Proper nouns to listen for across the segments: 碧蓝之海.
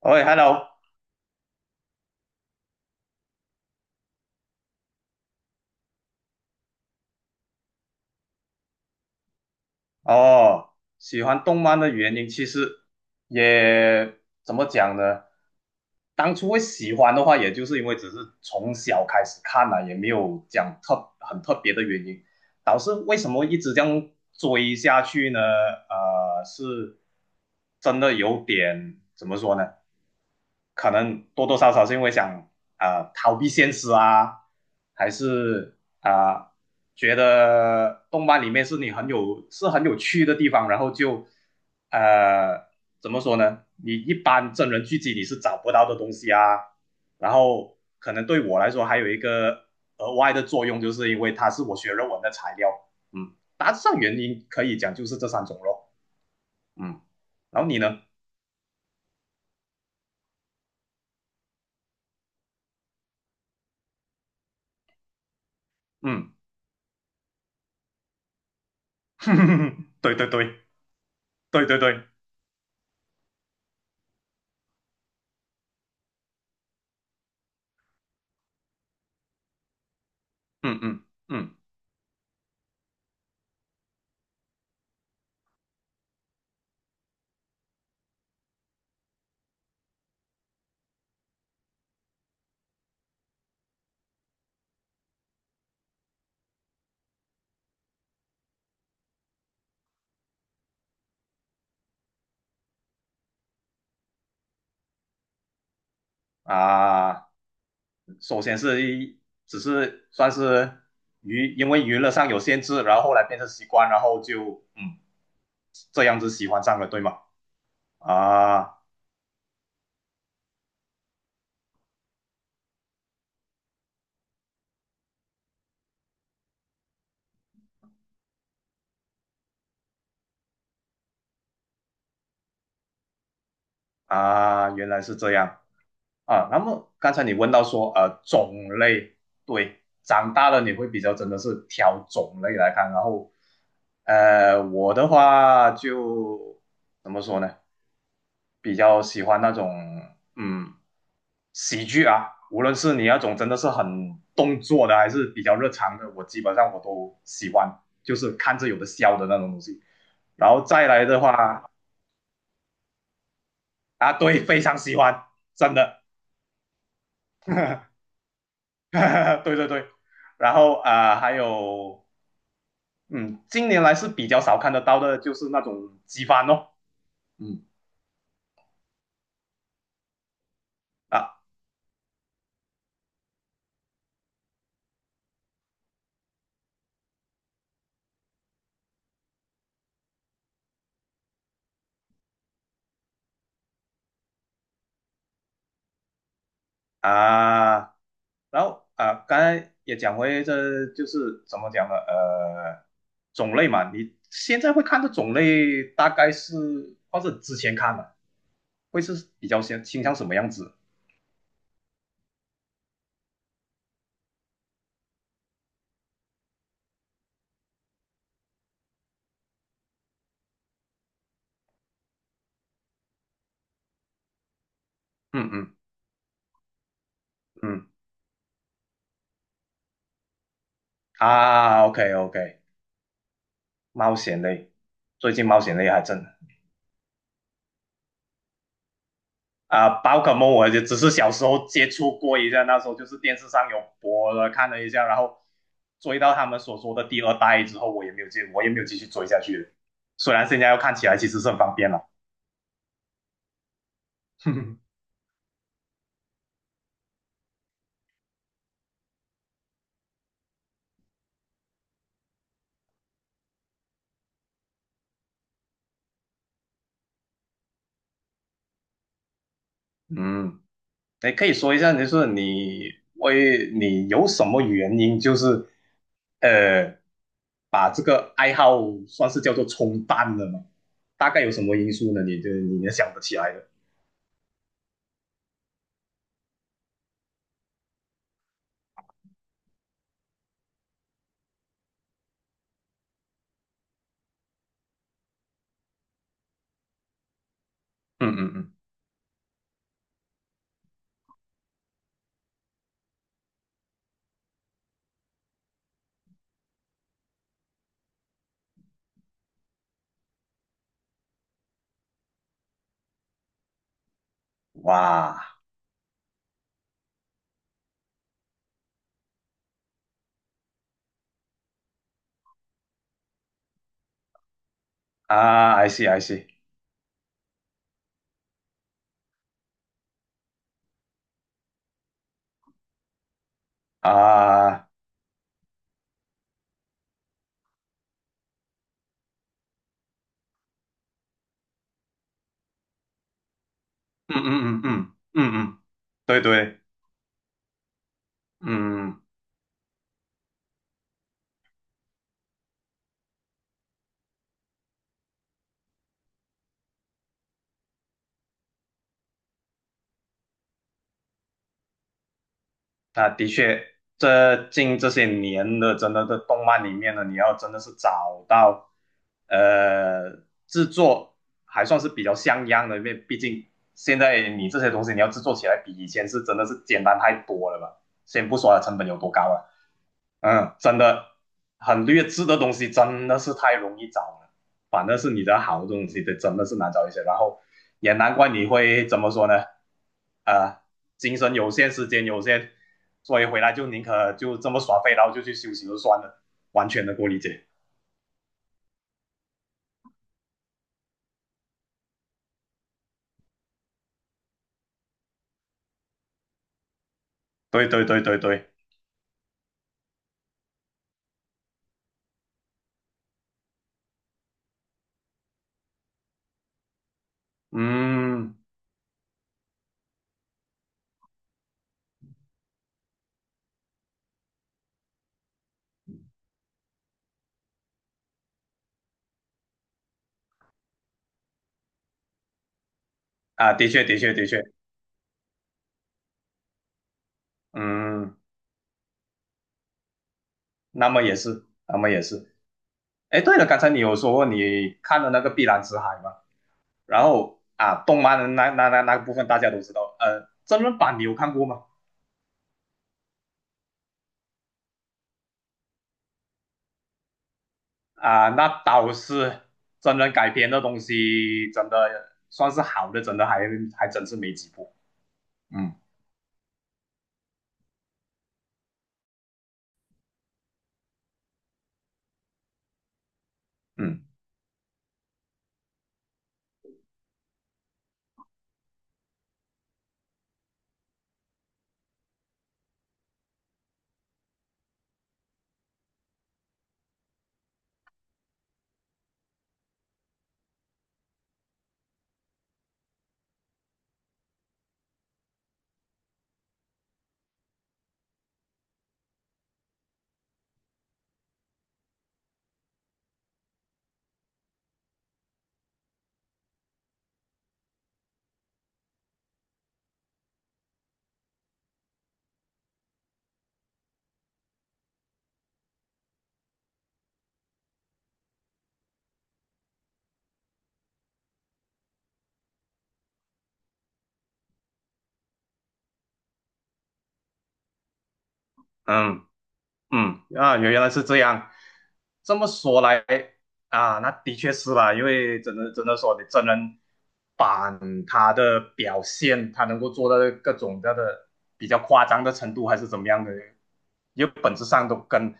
喂，Hello，哦，喜欢动漫的原因其实也怎么讲呢？当初会喜欢的话，也就是因为只是从小开始看了，也没有讲很特别的原因。导致为什么一直这样追下去呢？是真的有点怎么说呢？可能多多少少是因为想啊逃避现实啊，还是啊、觉得动漫里面是你很有是很有趣的地方，然后就呃怎么说呢？你一般真人剧集你是找不到的东西啊。然后可能对我来说还有一个额外的作用，就是因为它是我学论文的材料。嗯，大致上原因可以讲就是这三种咯。嗯，然后你呢？嗯，对对对对对对，嗯嗯嗯啊，首先只是算是因为娱乐上有限制，然后后来变成习惯，然后就这样子喜欢上了，对吗？啊啊，原来是这样啊。那么刚才你问到说种类，对，长大了你会比较真的是挑种类来看，然后我的话就怎么说呢？比较喜欢那种嗯喜剧啊，无论是你那种真的是很动作的，还是比较日常的，我基本上我都喜欢，就是看着有的笑的那种东西。然后再来的话啊，对，非常喜欢，真的，对对对。然后啊、还有嗯，近年来是比较少看得到的，就是那种机翻咯，嗯啊啊。然后啊、刚才也讲回这就是怎么讲呢？种类嘛，你现在会看的种类大概是，或者之前看的会是比较先倾向什么样子？嗯嗯嗯啊，OK OK，冒险类，最近冒险类还真的啊，宝可梦我就只是小时候接触过一下，那时候就是电视上有播了看了一下，然后追到他们所说的第二代之后，我也没有继续追下去了，虽然现在要看起来其实是很方便了。嗯，你可以说一下，就是你为你有什么原因，就是呃，把这个爱好算是叫做冲淡了吗？大概有什么因素呢？你就你也想不起来了。嗯嗯嗯，哇啊，I see I see 啊，嗯嗯嗯嗯嗯嗯，嗯对对，嗯。那的确，这近这些年的真的在动漫里面呢，你要真的是找到，呃，制作还算是比较像样的，因为毕竟现在你这些东西你要制作起来比以前是真的是简单太多了吧。先不说它成本有多高了，真的很劣质的东西真的是太容易找了，反正是你的好东西的真的是难找一些。然后也难怪你会怎么说呢？啊，精神有限，时间有限，所以回来就宁可就这么耍废，然后就去休息就算了，完全的够理解。对对对对对，嗯啊，的确的确的确，嗯，那么也是，那么也是。哎，对了，刚才你有说过你看了那个《碧蓝之海》吗？然后啊，动漫的那个部分大家都知道，真人版你有看过吗？啊，那倒是真人改编的东西，真的算是好的，真的还真是没几部。嗯嗯嗯，嗯，啊，原来是这样。这么说来啊，那的确是吧，因为真的真的说，你真人版他的表现，他能够做到各种各样的比较夸张的程度，还是怎么样的，因为本质上都跟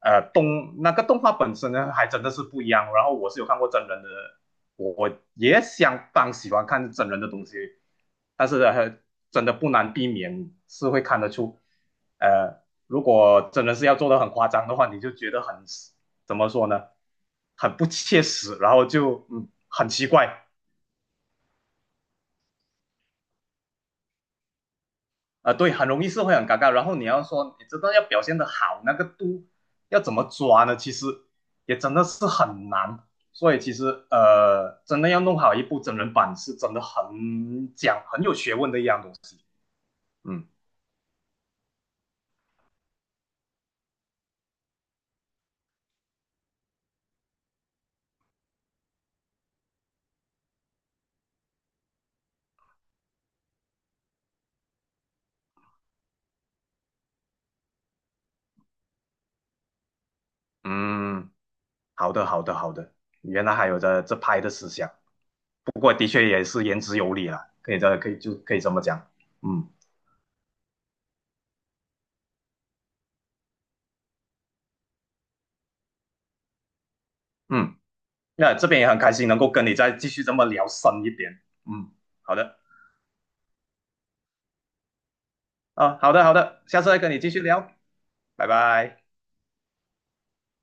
那个动画本身呢，还真的是不一样。然后我是有看过真人的，我也相当喜欢看真人的东西，但是真的不难避免是会看得出。呃，如果真的是要做的很夸张的话，你就觉得很怎么说呢，很不切实，然后就很奇怪啊、对，很容易是会很尴尬。然后你要说你真的要表现的好，那个度要怎么抓呢？其实也真的是很难。所以其实真的要弄好一部真人版，是真的很讲很有学问的一样东西。嗯嗯，好的好的好的，原来还有这拍的思想。不过的确也是言之有理了，可以这么讲，嗯嗯，那这边也很开心能够跟你再继续这么聊深一点，嗯，好的啊，好的好的，下次再跟你继续聊，拜拜。